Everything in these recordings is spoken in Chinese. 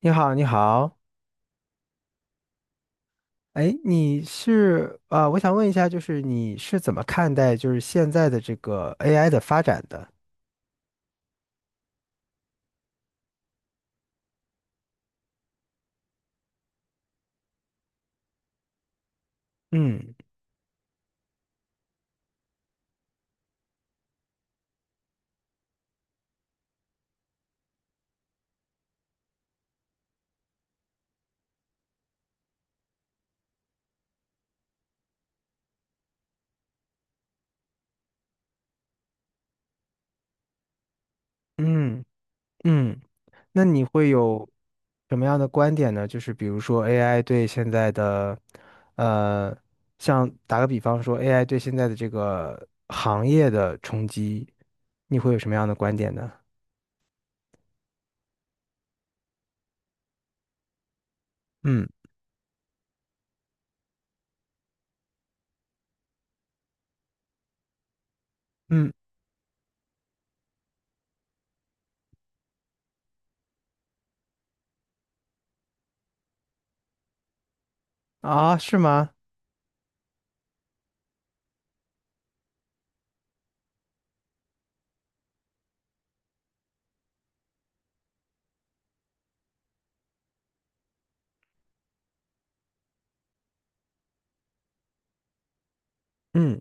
你好，你好，哎，你是啊、呃我想问一下，就是你是怎么看待就是现在的这个 AI 的发展的？嗯嗯嗯，那你会有什么样的观点呢？就是比如说 AI 对现在的，呃，像打个比方说 AI 对现在的这个行业的冲击，你会有什么样的观点呢？嗯嗯，啊，是吗？嗯，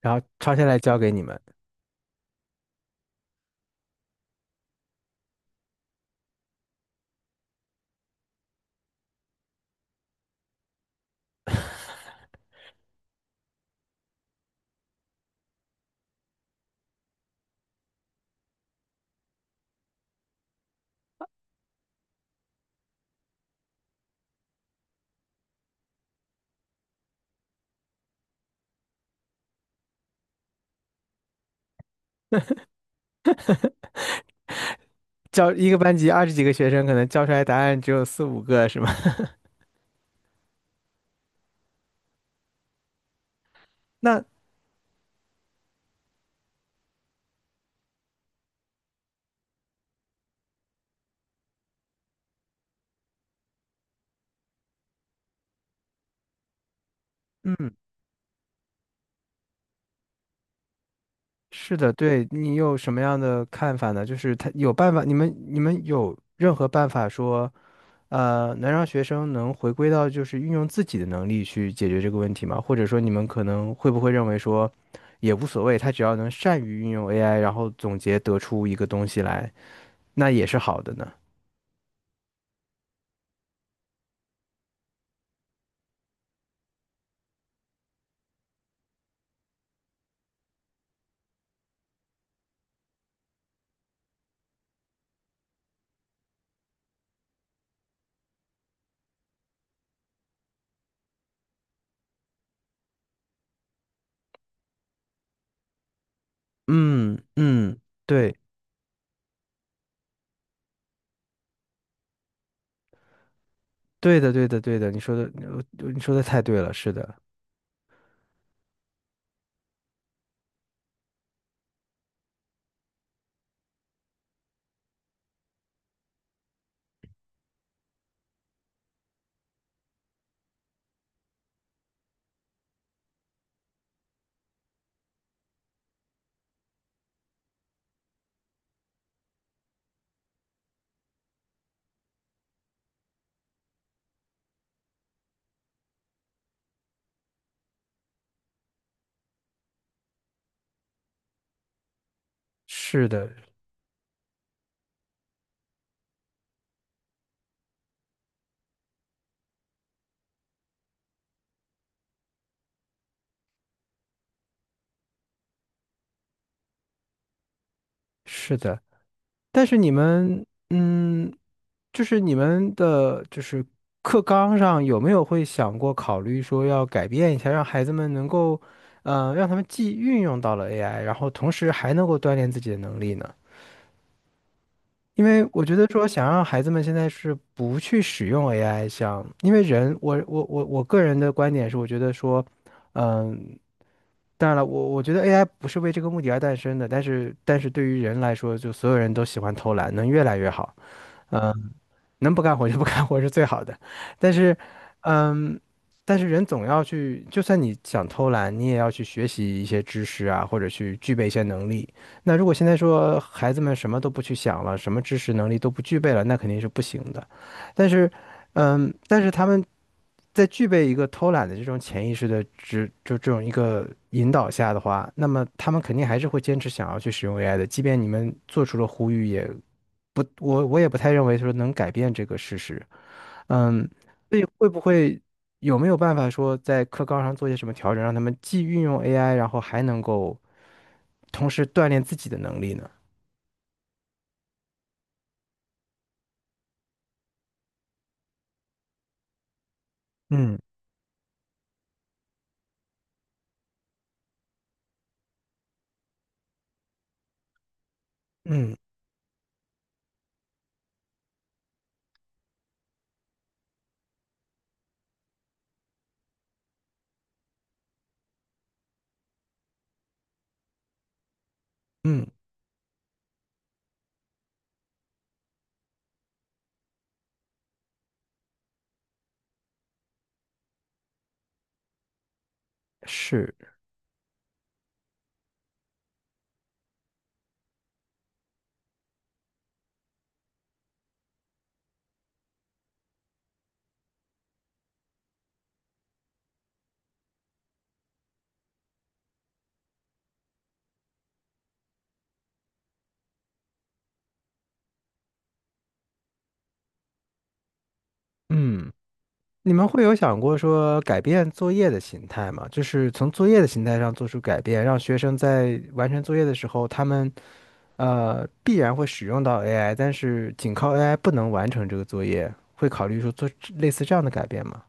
然后抄下来交给你们。教一个班级二十几个学生，可能教出来答案只有四五个，是吗？那嗯，是的，对你有什么样的看法呢？就是他有办法，你们有任何办法说，能让学生能回归到就是运用自己的能力去解决这个问题吗？或者说你们可能会不会认为说，也无所谓，他只要能善于运用 AI，然后总结得出一个东西来，那也是好的呢？嗯嗯，对对的对的对的，你说的太对了，是的。是的，是的，但是你们，就是你们的，就是课纲上有没有会想过考虑说要改变一下，让孩子们能够，让他们既运用到了 AI，然后同时还能够锻炼自己的能力呢？因为我觉得说想让孩子们现在是不去使用 AI，像因为人，我个人的观点是，我觉得说，嗯、当然了，我觉得 AI 不是为这个目的而诞生的，但是对于人来说，就所有人都喜欢偷懒，能越来越好。嗯，能不干活就不干活是最好的。但是，嗯，但是人总要去，就算你想偷懒，你也要去学习一些知识啊，或者去具备一些能力。那如果现在说孩子们什么都不去想了，什么知识能力都不具备了，那肯定是不行的。但是，但是他们在具备一个偷懒的这种潜意识的这种一个引导下的话，那么他们肯定还是会坚持想要去使用 AI 的，即便你们做出了呼吁也，我也不太认为说能改变这个事实。嗯，所以会不会有没有办法说在课纲上做些什么调整，让他们既运用 AI，然后还能够同时锻炼自己的能力呢？嗯嗯嗯，是，嗯。你们会有想过说改变作业的形态吗？就是从作业的形态上做出改变，让学生在完成作业的时候，他们必然会使用到 AI，但是仅靠 AI 不能完成这个作业，会考虑说做类似这样的改变吗？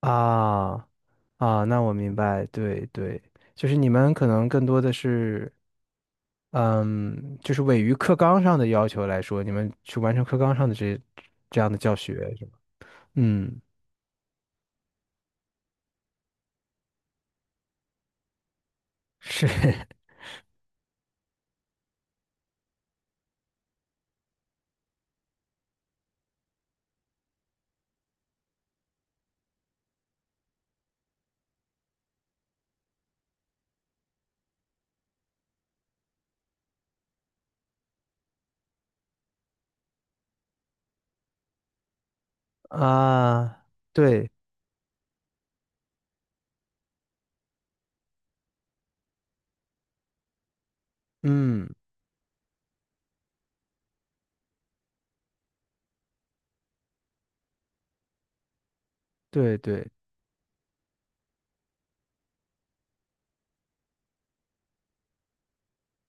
啊啊，那我明白，对对，就是你们可能更多的是，嗯，就是位于课纲上的要求来说，你们去完成课纲上的这样的教学，是吗？嗯，是 啊，对。嗯，对对，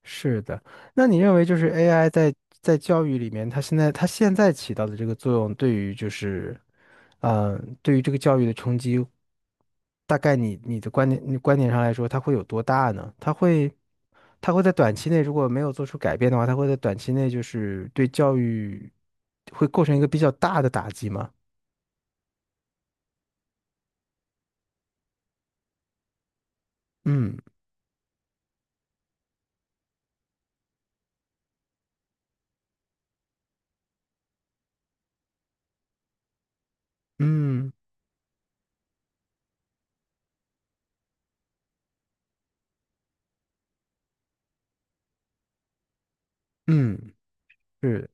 是的。那你认为就是 AI 在教育里面，它现在起到的这个作用，对于就是对于这个教育的冲击，大概你观点上来说，它会有多大呢？它会在短期内如果没有做出改变的话，它会在短期内就是对教育会构成一个比较大的打击吗？嗯嗯嗯，是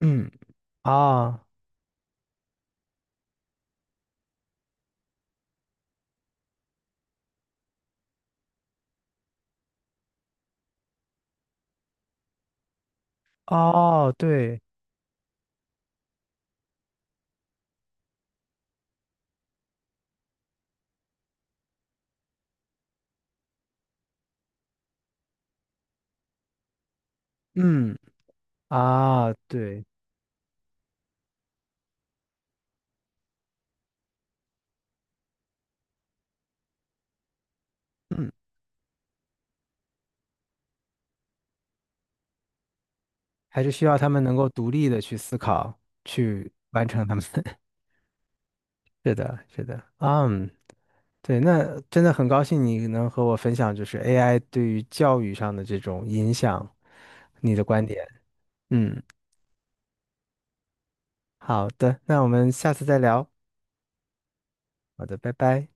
嗯啊哦对，嗯。啊，对，嗯，还是需要他们能够独立的去思考，去完成他们。是的，是的，嗯，对，那真的很高兴你能和我分享，就是 AI 对于教育上的这种影响，你的观点。嗯，好的，那我们下次再聊。好的，拜拜。